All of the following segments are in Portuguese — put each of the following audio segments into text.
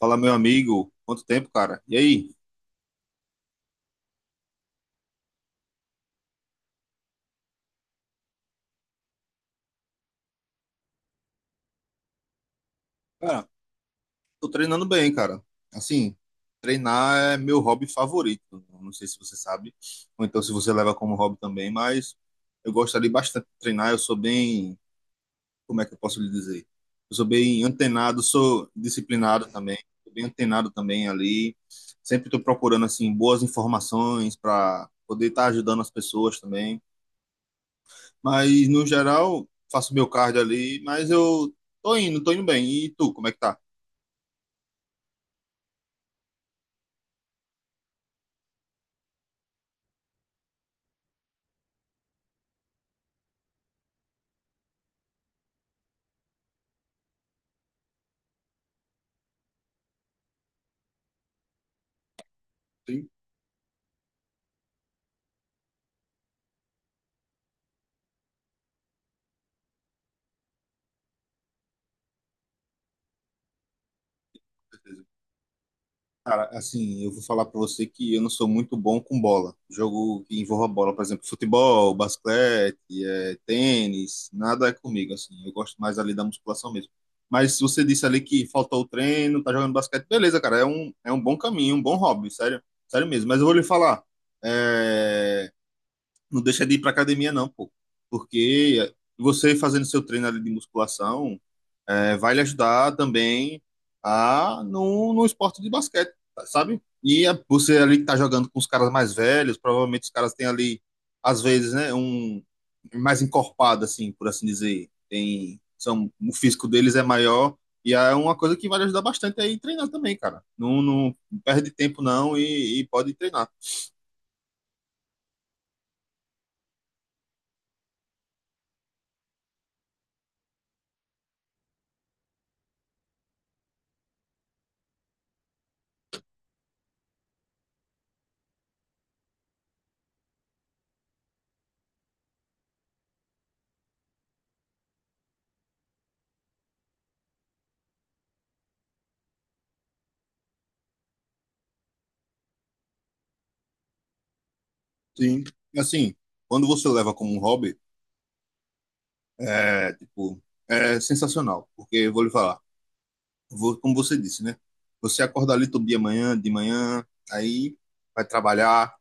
Fala, meu amigo. Quanto tempo, cara? E aí? Cara, tô treinando bem, cara. Assim, treinar é meu hobby favorito. Não sei se você sabe, ou então se você leva como hobby também, mas eu gostaria bastante de treinar. Eu sou bem, como é que eu posso lhe dizer? Eu sou bem antenado, sou disciplinado também, sou bem antenado também ali. Sempre tô procurando, assim, boas informações para poder estar ajudando as pessoas também. Mas no geral, faço meu cardio ali, mas eu tô indo bem. E tu, como é que tá? Sim, certeza. Cara, assim, eu vou falar pra você que eu não sou muito bom com bola. Jogo que envolva bola, por exemplo, futebol, basquete, tênis, nada é comigo, assim. Eu gosto mais ali da musculação mesmo. Mas você disse ali que faltou o treino, tá jogando basquete, beleza, cara, é um bom caminho, um bom hobby, sério, sério mesmo. Mas eu vou lhe falar, é, não deixa de ir para academia, não, pô. Porque você fazendo seu treino ali de musculação vai lhe ajudar também a no esporte de basquete, sabe? Você ali que tá jogando com os caras mais velhos, provavelmente os caras têm ali, às vezes, né, um mais encorpado, assim, por assim dizer. Tem, são, o físico deles é maior e é uma coisa que vai lhe ajudar bastante aí treinar também, cara. Não, não perde tempo não e pode treinar. Sim. Assim, quando você leva como um hobby, tipo, é sensacional. Porque, eu vou lhe falar, como você disse, né? Você acorda ali todo dia manhã, de manhã, aí vai trabalhar,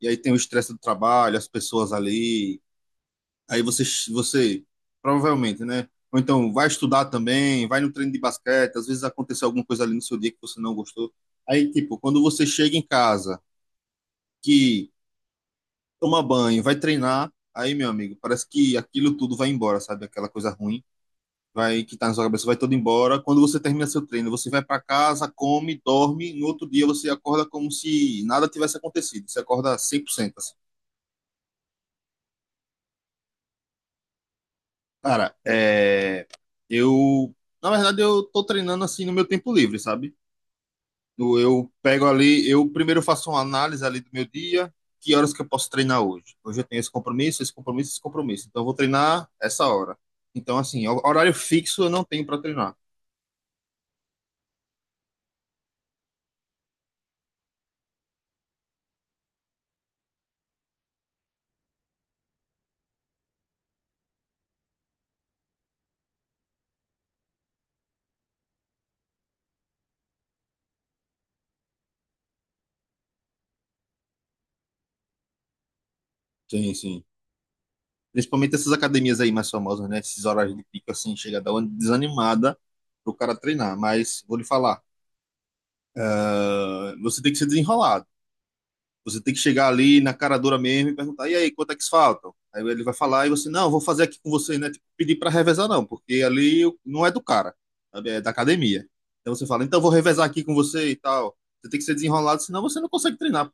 e aí tem o estresse do trabalho, as pessoas ali. Aí você provavelmente, né? Ou então vai estudar também, vai no treino de basquete, às vezes aconteceu alguma coisa ali no seu dia que você não gostou. Aí, tipo, quando você chega em casa, que toma banho, vai treinar, aí, meu amigo, parece que aquilo tudo vai embora, sabe? Aquela coisa ruim vai que tá na sua cabeça vai todo embora. Quando você termina seu treino, você vai para casa, come, dorme, no outro dia você acorda como se nada tivesse acontecido. Você acorda 100%, assim. Cara, é... eu... Na verdade, eu tô treinando, assim, no meu tempo livre, sabe? Eu pego ali, eu primeiro faço uma análise ali do meu dia, que horas que eu posso treinar hoje. Hoje eu tenho esse compromisso, esse compromisso, esse compromisso. Então eu vou treinar essa hora. Então, assim, horário fixo eu não tenho para treinar. Sim, sim. Principalmente essas academias aí mais famosas, né? Esses horários de pico, assim, chega a dar uma desanimada pro cara treinar. Mas vou lhe falar, ah, você tem que se desenrolar. Você tem que chegar ali na cara dura mesmo e perguntar: e aí, quanto é que faltam? Aí ele vai falar e você: não, vou fazer aqui com você, né? Tipo, pedir para revezar, não, porque ali não é do cara, sabe? É da academia. Então você fala: então vou revezar aqui com você e tal. Você tem que ser desenrolado, senão você não consegue treinar.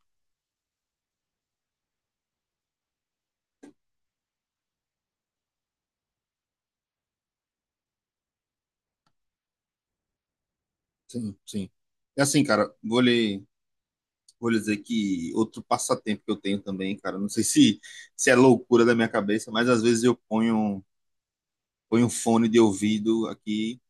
Sim, sim. É assim, cara, vou lhe dizer que outro passatempo que eu tenho também, cara, não sei se é loucura da minha cabeça, mas às vezes eu ponho um fone de ouvido aqui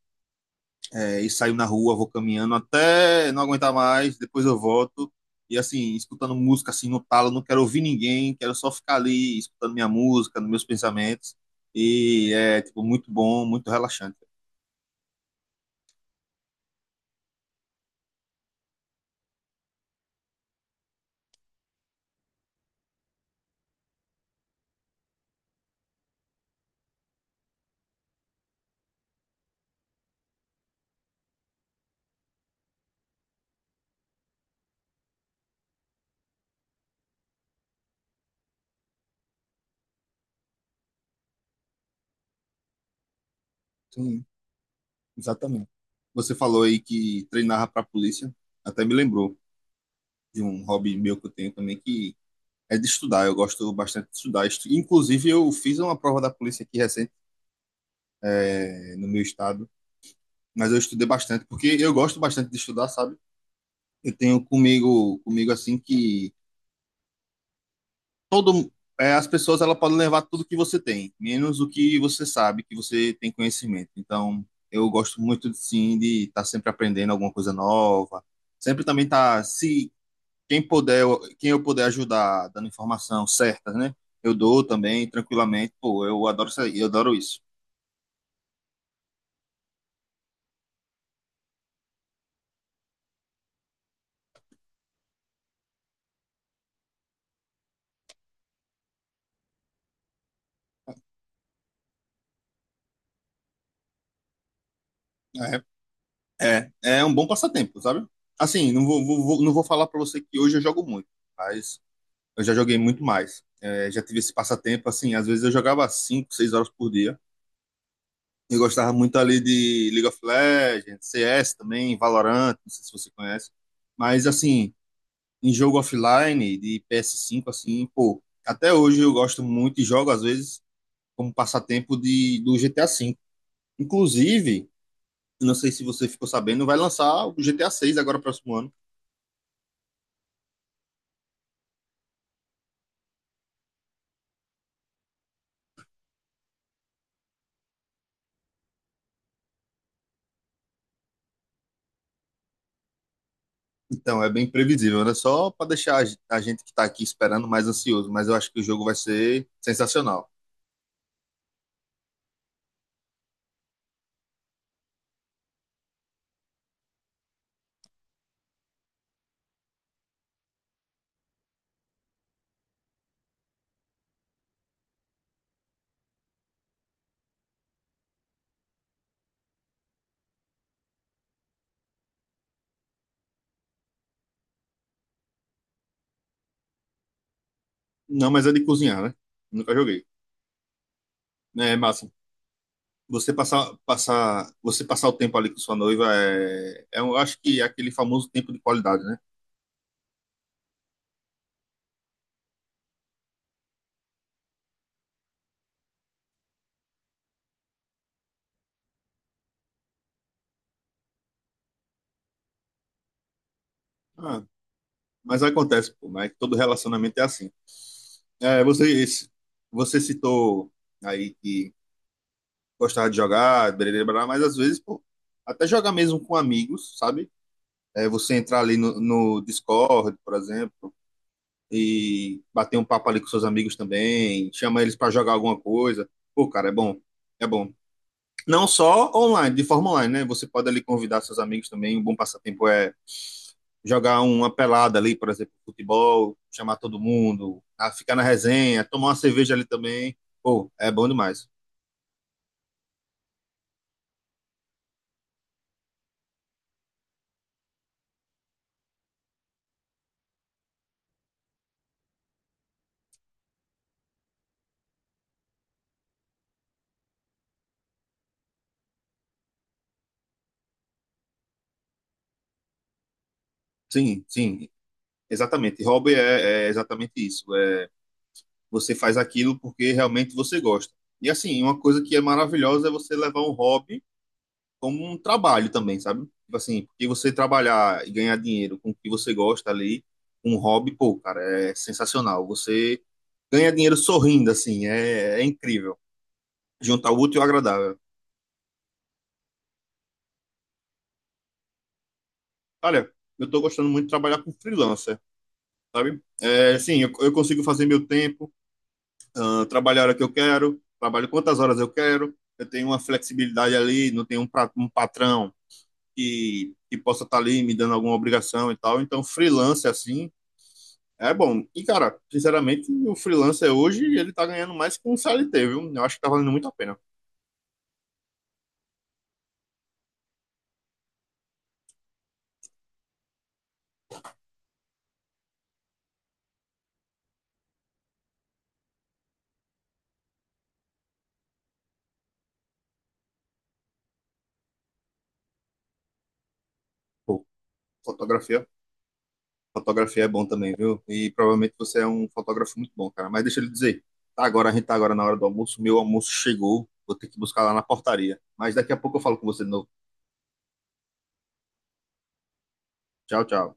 e saio na rua, vou caminhando até não aguentar mais, depois eu volto. E assim, escutando música assim no talo, não quero ouvir ninguém, quero só ficar ali escutando minha música, nos meus pensamentos. E é tipo muito bom, muito relaxante. Sim, exatamente. Você falou aí que treinava para a polícia, até me lembrou de um hobby meu que eu tenho também que é de estudar. Eu gosto bastante de estudar. Inclusive, eu fiz uma prova da polícia aqui recente, no meu estado, mas eu estudei bastante porque eu gosto bastante de estudar, sabe? Eu tenho comigo assim que todo é, as pessoas ela podem levar tudo que você tem, menos o que você sabe, que você tem conhecimento. Então, eu gosto muito sim de estar sempre aprendendo alguma coisa nova, sempre também tá se quem eu puder ajudar dando informação certa, né? Eu dou também tranquilamente, pô, eu adoro isso, aí, eu adoro isso. É, é, é um bom passatempo, sabe? Assim, não vou falar para você que hoje eu jogo muito, mas eu já joguei muito mais. É, já tive esse passatempo, assim, às vezes eu jogava 5 6 horas por dia. Eu gostava muito ali de League of Legends, CS também, Valorant, não sei se você conhece. Mas, assim, em jogo offline de PS5, assim, pô, até hoje eu gosto muito e jogo, às vezes, como passatempo de, do GTA V. Inclusive, não sei se você ficou sabendo, vai lançar o GTA 6 agora, próximo ano. Então, é bem previsível, né? Só para deixar a gente que está aqui esperando mais ansioso, mas eu acho que o jogo vai ser sensacional. Não, mas é de cozinhar, né? Nunca joguei. É massa. Você passar o tempo ali com sua noiva eu acho que é aquele famoso tempo de qualidade, né? Ah, mas acontece, pô, né? Todo relacionamento é assim. É, você, você citou aí que gostava de jogar, blá, blá, blá, mas às vezes, pô, até jogar mesmo com amigos, sabe? É você entrar ali no Discord, por exemplo, e bater um papo ali com seus amigos também, chama eles para jogar alguma coisa. Pô, cara, é bom. É bom. Não só online, de forma online, né? Você pode ali convidar seus amigos também. Um bom passatempo é jogar um, uma pelada ali, por exemplo, futebol, chamar todo mundo, a ficar na resenha, tomar uma cerveja ali também. Pô, é bom demais. Sim, sim, exatamente. Hobby é exatamente isso. Você faz aquilo porque realmente você gosta. E assim, uma coisa que é maravilhosa é você levar um hobby como um trabalho também, sabe? Tipo assim, porque você trabalhar e ganhar dinheiro com o que você gosta ali, um hobby, pô, cara, é sensacional. Você ganha dinheiro sorrindo, assim, é, é incrível. Juntar o útil ao agradável. Olha, eu tô gostando muito de trabalhar com freelancer, sabe? É, sim, eu consigo fazer meu tempo, trabalhar a hora que eu quero, trabalho quantas horas eu quero, eu tenho uma flexibilidade ali, não tenho um patrão, que possa estar ali me dando alguma obrigação e tal. Então, freelance assim é bom. E, cara, sinceramente, o freelancer hoje ele tá ganhando mais que um CLT, viu? Eu acho que tá valendo muito a pena. Pô, fotografia. Fotografia é bom também, viu? E provavelmente você é um fotógrafo muito bom, cara. Mas deixa eu lhe dizer, tá agora, a gente tá agora na hora do almoço. Meu almoço chegou. Vou ter que buscar lá na portaria. Mas daqui a pouco eu falo com você de novo. Tchau, tchau.